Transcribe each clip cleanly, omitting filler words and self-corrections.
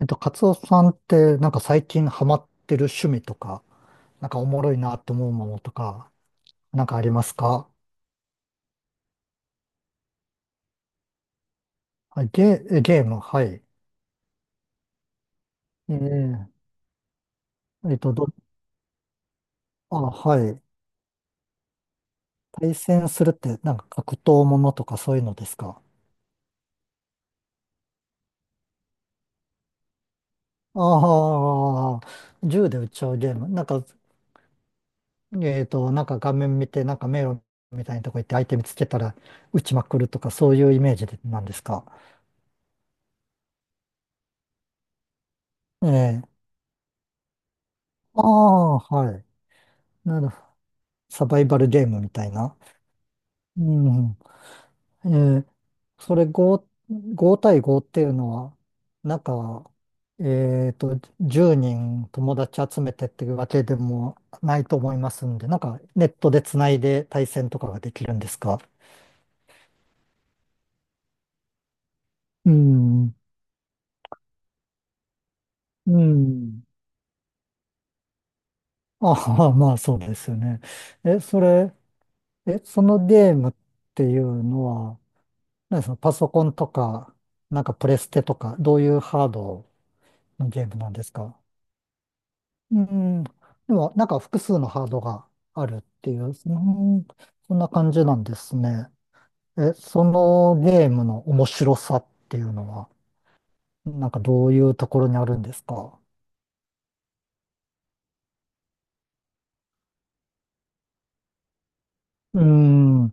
カツオさんって、なんか最近ハマってる趣味とか、なんかおもろいなって思うものとか、なんかありますか？はい、ゲーム、はい。えええっと、ど、はい。対戦するって、なんか格闘ものとかそういうのですか？ああ、銃で撃っちゃうゲーム。なんか、なんか画面見て、なんか迷路みたいなとこ行って相手見つけたら撃ちまくるとか、そういうイメージでなんですか？ええ、ああ、はい。なるほど。サバイバルゲームみたいな。うん。えーそれ5、5対5っていうのは、なんか、えっと、10人友達集めてっていうわけでもないと思いますんで、なんかネットでつないで対戦とかができるんですか？うん。うん。ああ、まあそうですよね。それ、そのゲームっていうのは、何ですか、パソコンとか、なんかプレステとか、どういうハードのゲームなんですか？うん。でも、なんか複数のハードがあるっていう、うん、そんな感じなんですね。そのゲームの面白さっていうのは、なんかどういうところにあるんですか？うん。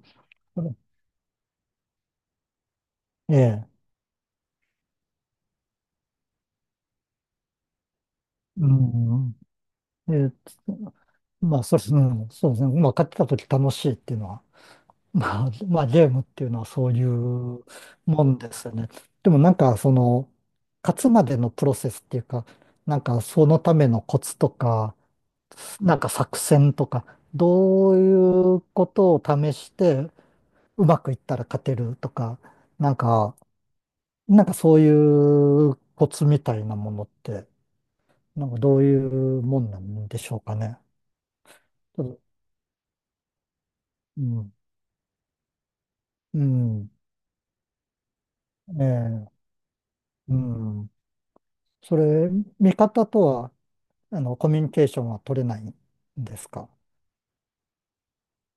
ええ。うん。え、まあ、そうですね。うんそうですね。まあ、買ってた時楽しいっていうのはまあ、まあ、ゲームっていうのはそういうもんですよね。でもなんか、その、勝つまでのプロセスっていうか、なんか、そのためのコツとか、なんか作戦とか、どういうことを試して、うまくいったら勝てるとか、なんか、なんかそういうコツみたいなものって、なんかどういうもんなんでしょうかね。ちょっとうん、うん、ええ、うん。それ、見方とは、あの、コミュニケーションは取れないんですか？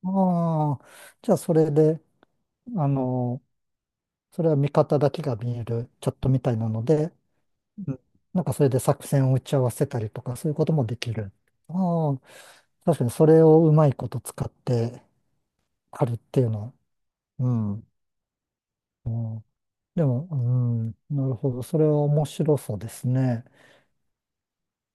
ああ、じゃあそれで、あの、それは見方だけが見えるチャットみたいなので、うんなんかそれで作戦を打ち合わせたりとか、そういうこともできる。ああ、確かにそれをうまいこと使ってあるっていうのは、うん。うん、でも、うん、なるほど。それは面白そうですね。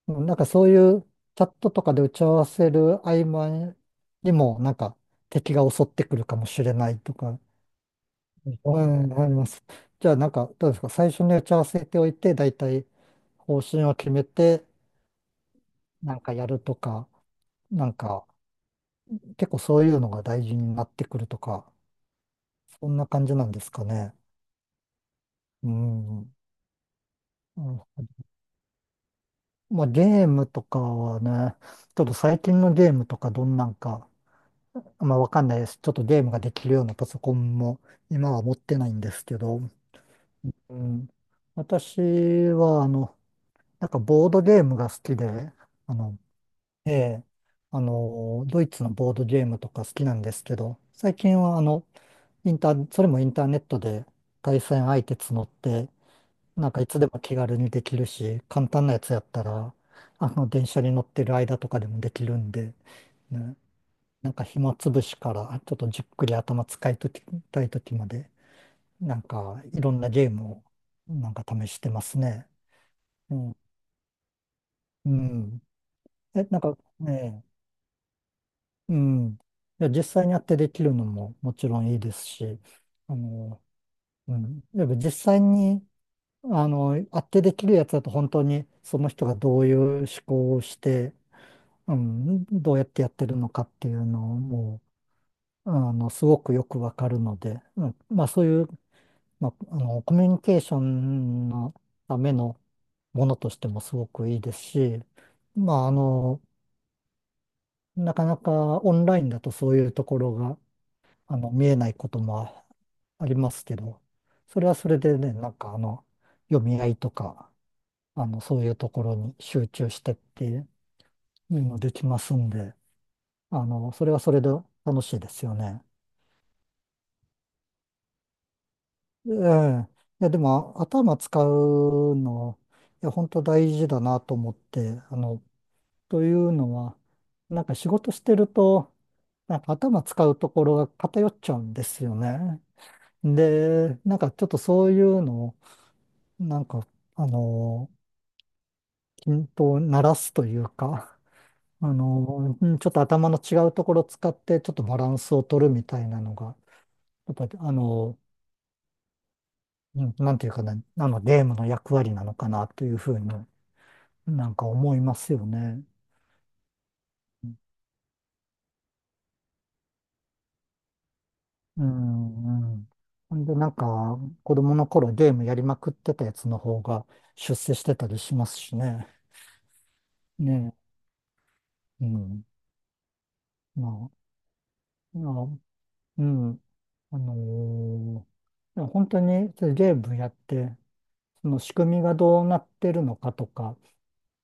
うんなんかそういうチャットとかで打ち合わせる合間にも、なんか敵が襲ってくるかもしれないとか、うん、あります。じゃあなんかどうですか、最初に打ち合わせておいて、大体方針を決めて、なんかやるとか、なんか結構そういうのが大事になってくるとか、そんな感じなんですかね。うん。うんまあゲームとかはね、ちょっと最近のゲームとかどんなんか、まあ、わかんないです。ちょっとゲームができるようなパソコンも今は持ってないんですけど、うん、私は、あの、なんかボードゲームが好きで、あの、ええ、あの、ドイツのボードゲームとか好きなんですけど、最近は、あの、インター、それもインターネットで対戦相手募って、なんかいつでも気軽にできるし、簡単なやつやったら、あの、電車に乗ってる間とかでもできるんで、ねなんか暇つぶしからちょっとじっくり頭使いときたいときまで、なんかいろんなゲームをなんか試してますね。うん。うん。なんかね、うん。いや、実際にやってできるのももちろんいいですし、あの、うん。やっぱ実際に、あの、やってできるやつだと本当にその人がどういう思考をして、うん、どうやってやってるのかっていうのをもう、あの、すごくよくわかるので、うん、まあそういうまあ、あの、コミュニケーションのためのものとしてもすごくいいですし、まあ、あの、なかなかオンラインだとそういうところが、あの、見えないこともありますけど、それはそれでね、なんかあの、読み合いとか、あの、そういうところに集中してっていうのもできますんで、あの、それはそれで楽しいですよね。ええ。いや、でも頭使うの、いや、本当大事だなと思って、あの、というのは、なんか仕事してると、なんか頭使うところが偏っちゃうんですよね。で、なんかちょっとそういうのを、なんか、あの、均等にならすというか、あの、うんちょっと頭の違うところを使って、ちょっとバランスを取るみたいなのが、やっぱり、あの、うんなんていうかな、あの、ゲームの役割なのかなというふうになんか思いますよね。うん、うん。ほんで、なんか、子供の頃ゲームやりまくってたやつの方が出世してたりしますしね。ねえ。うん。まあ、まあ、うん。あのーいや本当にそういうゲームやって、その仕組みがどうなってるのかとか、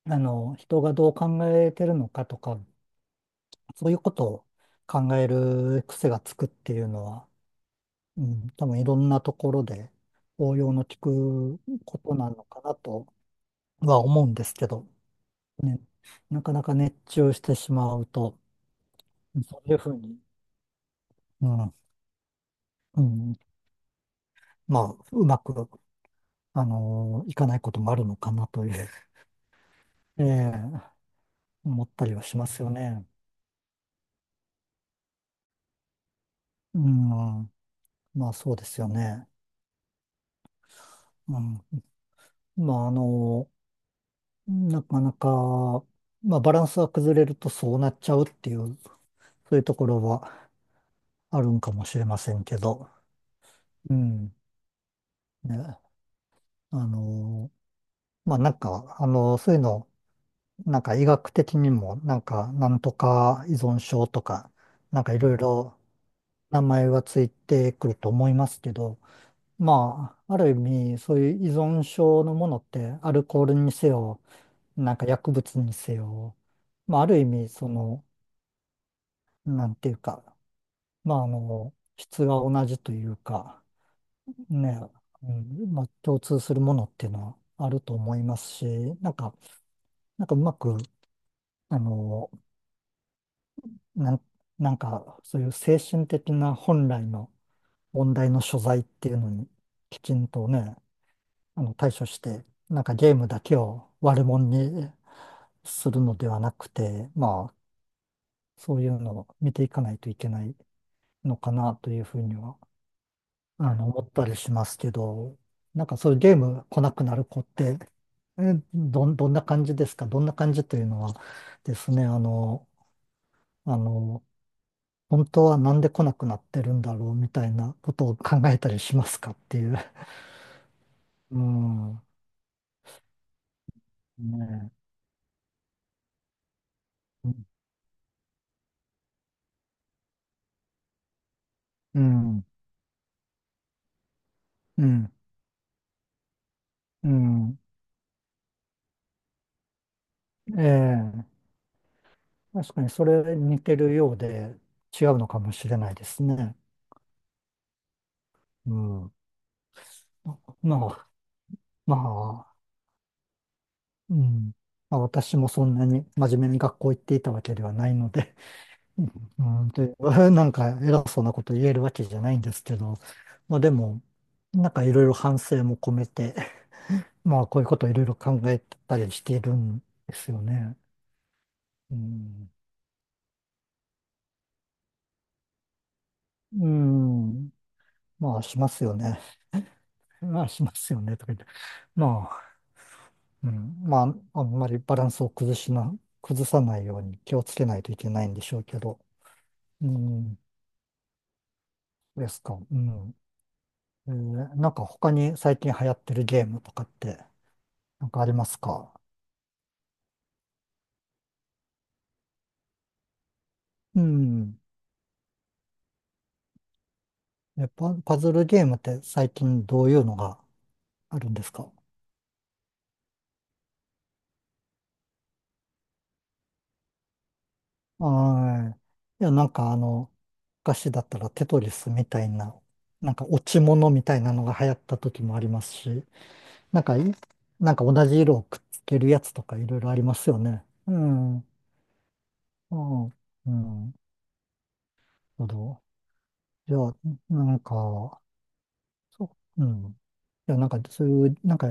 あの、人がどう考えてるのかとか、そういうことを考える癖がつくっていうのは、うん、多分いろんなところで応用の効くことなのかなとは思うんですけど、ね、なかなか熱中してしまうと、そういうふうに、うん、うん、まあ、うまく、いかないこともあるのかなという、ええ思ったりはしますよね。うん、まあそうですよね。うん、まあなかなか、まあバランスが崩れるとそうなっちゃうっていう、そういうところはあるんかもしれませんけど、うん、ね、あのーまあなんか、そういうのなんか医学的にも、なんか、なんとか依存症とか、なんかいろいろ名前はついてくると思いますけど、まあ、ある意味、そういう依存症のものって、アルコールにせよ、なんか薬物にせよ、まあ、ある意味、その、なんていうか、まあ、あの、質が同じというか、ね、うん、まあ、共通するものっていうのはあると思いますし、なんか、なんかうまく、あの、なん、なんか、そういう精神的な本来の問題の所在っていうのに、きちんとね、あの対処して、なんかゲームだけを悪者にするのではなくて、まあ、そういうのを見ていかないといけないのかなというふうには、あの、思ったりしますけど、なんかそういうゲーム来なくなる子って、えどんな感じですか？どんな感じというのはですね、あの、あの、本当はなんで来なくなってるんだろうみたいなことを考えたりしますかっていう。うん。ねえうん。うん。うん。ええ。確かにそれ似てるようで違うのかもしれないですね。うん。まあ、まあ、うん。まあ、私もそんなに真面目に学校行っていたわけではないので、うん、うんで、なんか偉そうなこと言えるわけじゃないんですけど、まあでも、なんかいろいろ反省も込めてまあ、こういうことをいろいろ考えたりしているんですよね。うん。うん。まあ、しますよね。まあ、しますよね。とか言って。まあ、うん。まあ、あんまりバランスを崩さないように気をつけないといけないんでしょうけど。うん。ですか。うん。なんか他に最近流行ってるゲームとかって、なんかありますか？うん。パズルゲームって最近どういうのがあるんですか？はい。いや、なんかあの、昔だったらテトリスみたいな、なんか落ち物みたいなのが流行った時もありますし、なんかい、なんか同じ色をくっつけるやつとかいろいろありますよね。うん。うん。うん。なるほど。いや、なんか、そう、うん。いや、なんかそういう、なんか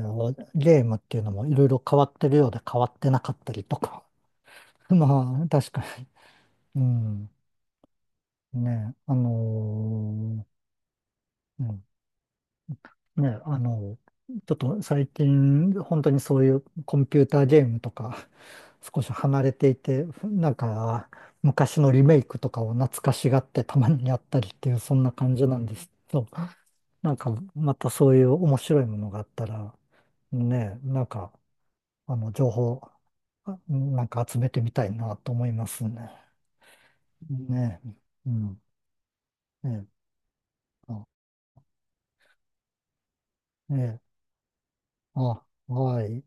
ゲームっていうのもいろいろ変わってるようで変わってなかったりとか。まあ、確かに。うん。ね、うんね、あの、ちょっと最近、本当にそういうコンピューターゲームとか、少し離れていて、なんか、昔のリメイクとかを懐かしがってたまにやったりっていう、そんな感じなんですけど、なんか、またそういう面白いものがあったら、ね、なんか、あの、情報、なんか集めてみたいなと思いますね。ね、うん、ね、あ、ね、あ、はい。